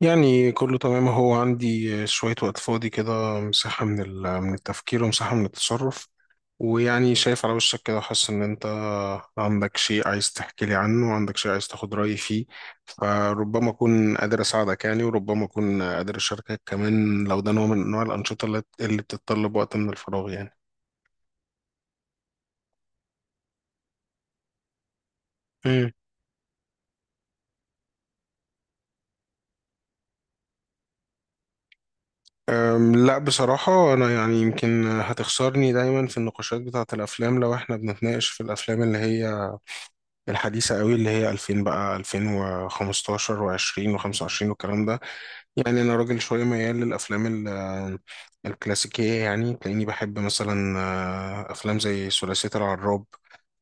يعني كله تمام. هو عندي شوية وقت فاضي كده، مساحة من من التفكير، ومساحة من التصرف. ويعني شايف على وشك كده، حاسس إن أنت عندك شيء عايز تحكي لي عنه، وعندك شيء عايز تاخد رأيي فيه، فربما أكون قادر أساعدك يعني، وربما أكون قادر أشاركك كمان، لو ده نوع من أنواع الأنشطة اللي بتتطلب وقت من الفراغ يعني. مم. لا، بصراحة أنا يعني يمكن هتخسرني دايما في النقاشات بتاعة الأفلام، لو إحنا بنتناقش في الأفلام اللي هي الحديثة قوي، اللي هي 2000 بقى 2015 و20 و25 والكلام ده. يعني أنا راجل شوية ميال للأفلام الكلاسيكية، يعني تلاقيني بحب مثلا أفلام زي ثلاثية العراب،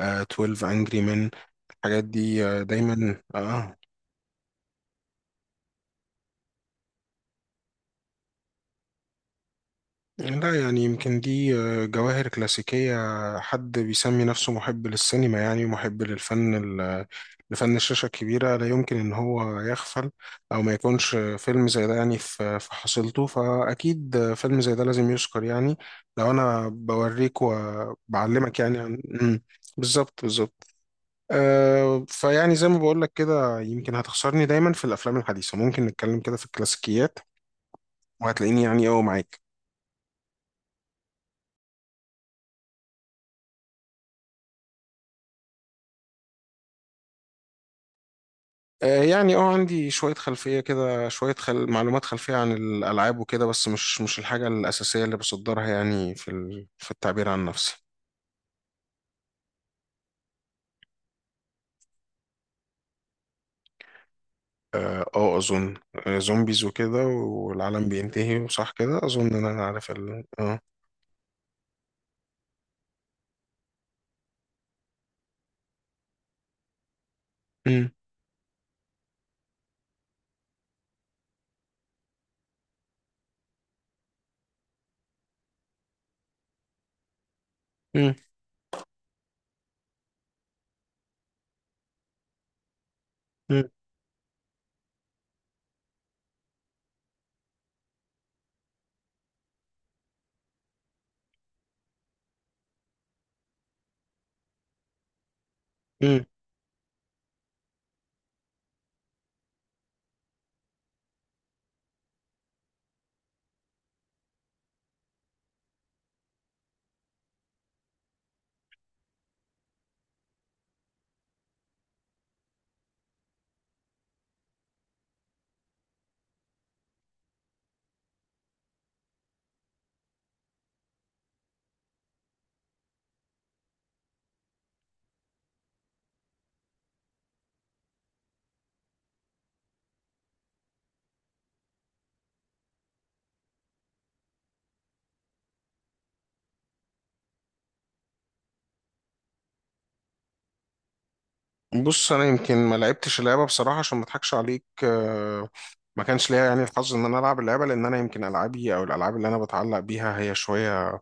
12 Angry Men، الحاجات دي دايما لا، يعني يمكن دي جواهر كلاسيكية. حد بيسمي نفسه محب للسينما، يعني محب للفن، لفن الشاشة الكبيرة، لا يمكن إن هو يغفل أو ما يكونش فيلم زي ده يعني في حصيلته، فأكيد فيلم زي ده لازم يذكر يعني. لو أنا بوريك وبعلمك يعني عن بالظبط، بالظبط. أه فيعني زي ما بقول لك كده، يمكن هتخسرني دايما في الأفلام الحديثة، ممكن نتكلم كده في الكلاسيكيات وهتلاقيني يعني أه معاك. يعني اه عندي شوية خلفية كده، شوية معلومات خلفية عن الألعاب وكده، بس مش الحاجة الأساسية اللي بصدرها يعني في في التعبير عن نفسي. اه اظن زومبيز وكده، والعالم بينتهي وصح كده، اظن ان انا عارف ال... اه مم. مم. مم. مم. بص، انا يمكن ما لعبتش اللعبه بصراحه عشان ما اضحكش عليك، ما كانش ليا يعني الحظ ان انا العب اللعبه، لان انا يمكن العابي او الالعاب اللي انا بتعلق بيها هي شويه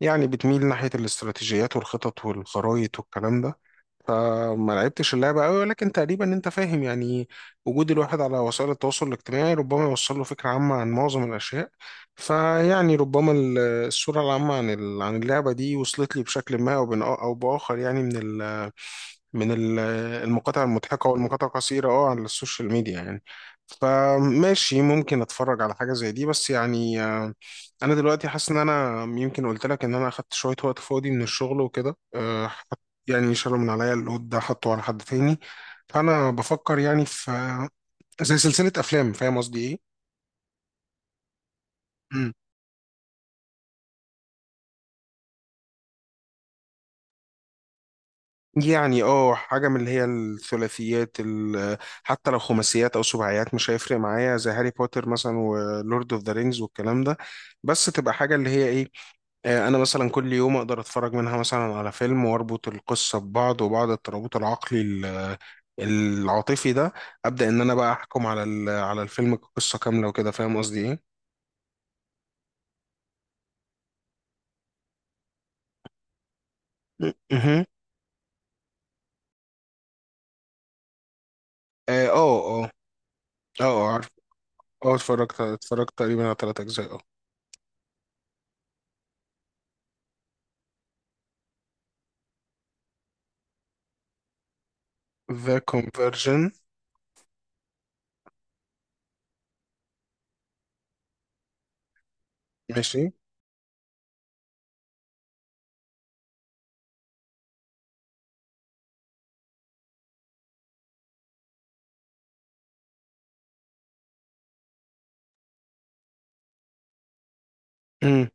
يعني بتميل ناحيه الاستراتيجيات والخطط والخرايط والكلام ده. فما لعبتش اللعبة قوي، ولكن تقريبا انت فاهم يعني. وجود الواحد على وسائل التواصل الاجتماعي ربما يوصل له فكرة عامة عن معظم الأشياء، فيعني ربما الصورة العامة عن عن اللعبة دي وصلت لي بشكل ما أو بآخر يعني، من من المقاطع المضحكة والمقاطع القصيرة اه على السوشيال ميديا يعني. فماشي، ممكن اتفرج على حاجة زي دي، بس يعني انا دلوقتي حاسس ان انا يمكن قلت لك ان انا اخدت شوية وقت فاضي من الشغل وكده، يعني شالوا من عليا اللود ده، حطه على حد تاني، فانا بفكر يعني في زي سلسلة افلام، فاهم قصدي ايه؟ يعني اه حاجة من اللي هي الثلاثيات. حتى لو خماسيات أو سباعيات مش هيفرق معايا، زي هاري بوتر مثلا ولورد اوف ذا رينجز والكلام ده. بس تبقى حاجة اللي هي ايه، أنا مثلا كل يوم أقدر أتفرج منها مثلا على فيلم، وأربط القصة ببعض، وبعد الترابط العقلي العاطفي ده أبدأ إن أنا بقى أحكم على على الفيلم كقصة كاملة وكده. فاهم قصدي ايه؟ مهم. اه اه اه، اه عارف، اه اتفرجت تقريبا على تلات أجزاء اه. ذا كونفرجن، ماشي. مم.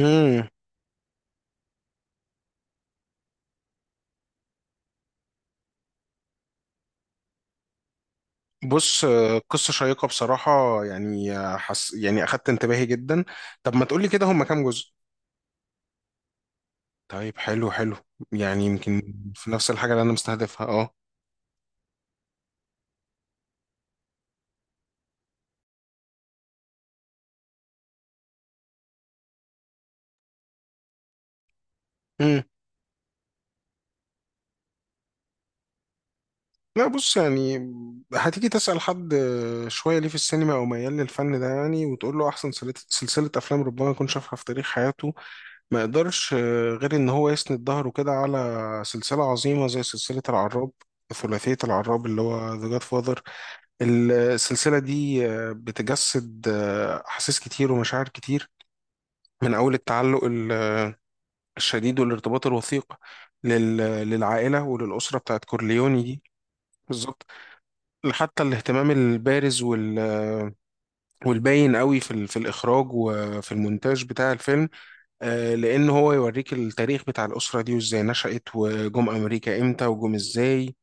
مم. بص، قصة شيقة بصراحة يعني، حس يعني أخدت انتباهي جدا. طب ما تقولي كده، هما كام جزء؟ طيب حلو، حلو يعني يمكن في نفس الحاجة اللي أنا مستهدفها أه. مم. لا، بص يعني هتيجي تسأل حد شوية ليه في السينما، أو ميال للفن ده يعني، وتقول له أحسن سلسلة سلسلة أفلام ربما يكون شافها في تاريخ حياته، ما يقدرش غير إن هو يسند ظهره كده على سلسلة عظيمة زي سلسلة العراب. ثلاثية العراب اللي هو ذا جاد فاذر، السلسلة دي بتجسد أحاسيس كتير ومشاعر كتير، من أول التعلق الشديد والارتباط الوثيق لل- للعائلة وللأسرة بتاعت كورليوني دي. بالظبط. حتى الاهتمام البارز والباين قوي في في الإخراج وفي المونتاج بتاع الفيلم، لأن هو يوريك التاريخ بتاع الأسرة دي وإزاي نشأت، وجم أمريكا إمتى، وجم إزاي،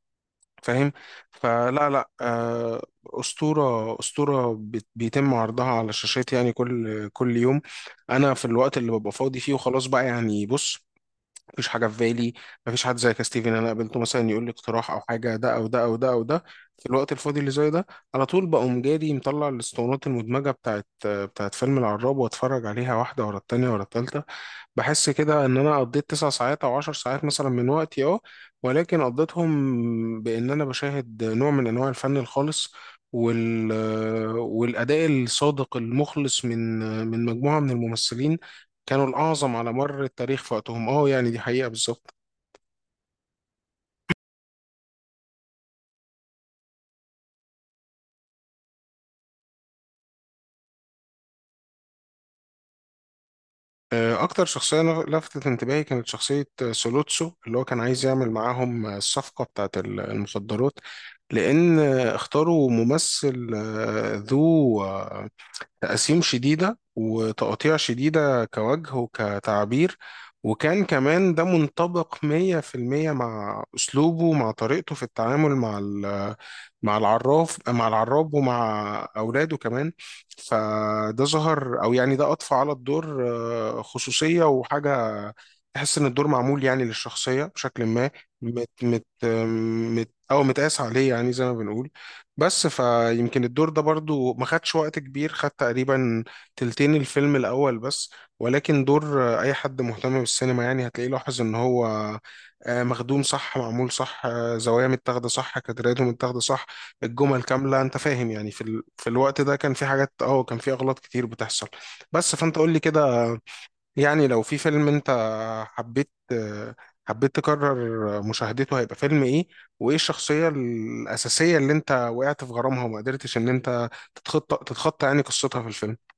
فاهم؟ فلا لا، أسطورة، أسطورة بيتم عرضها على الشاشات يعني كل يوم. أنا في الوقت اللي ببقى فاضي فيه وخلاص بقى يعني، بص، مفيش حاجه في بالي، مفيش حد زي كاستيفن انا قابلته مثلا يقول لي اقتراح او حاجه، ده او ده او ده او ده. في الوقت الفاضي اللي زي ده، على طول بقوم جادي مطلع الاسطوانات المدمجه بتاعت فيلم العراب، واتفرج عليها واحده ورا التانيه ورا التالته. بحس كده ان انا قضيت تسع ساعات او عشر ساعات مثلا من وقتي اه، ولكن قضيتهم بان انا بشاهد نوع من انواع الفن الخالص وال والاداء الصادق المخلص من مجموعه من الممثلين كانوا الأعظم على مر التاريخ في وقتهم. اه يعني، دي حقيقة بالظبط. أكتر شخصية لفتت انتباهي كانت شخصية سولوتسو، اللي هو كان عايز يعمل معاهم الصفقة بتاعت المخدرات. لأن اختاروا ممثل ذو تقسيم شديدة وتقطيع شديدة كوجه وكتعبير، وكان كمان ده منطبق 100% مع أسلوبه، مع طريقته في التعامل مع مع العراف، مع العراب، ومع أولاده كمان. فده ظهر، أو يعني ده أضفى على الدور خصوصية وحاجة تحس إن الدور معمول يعني للشخصية بشكل ما، مت مت مت أو متقاس عليه يعني، زي ما بنقول. بس فيمكن الدور ده برضو ما خدش وقت كبير، خد تقريبا تلتين الفيلم الأول بس. ولكن دور أي حد مهتم بالسينما يعني هتلاقيه لاحظ إن هو مخدوم صح، معمول صح، زوايا متاخدة صح، كادراته متاخدة صح، الجمل كاملة. أنت فاهم يعني في في الوقت ده كان في حاجات اه كان في أغلاط كتير بتحصل. بس فأنت قول لي كده، يعني لو في فيلم انت حبيت حبيت تكرر مشاهدته هيبقى فيلم ايه، وايه الشخصية الأساسية اللي انت وقعت في غرامها وما قدرتش ان انت تتخطى يعني قصتها في الفيلم.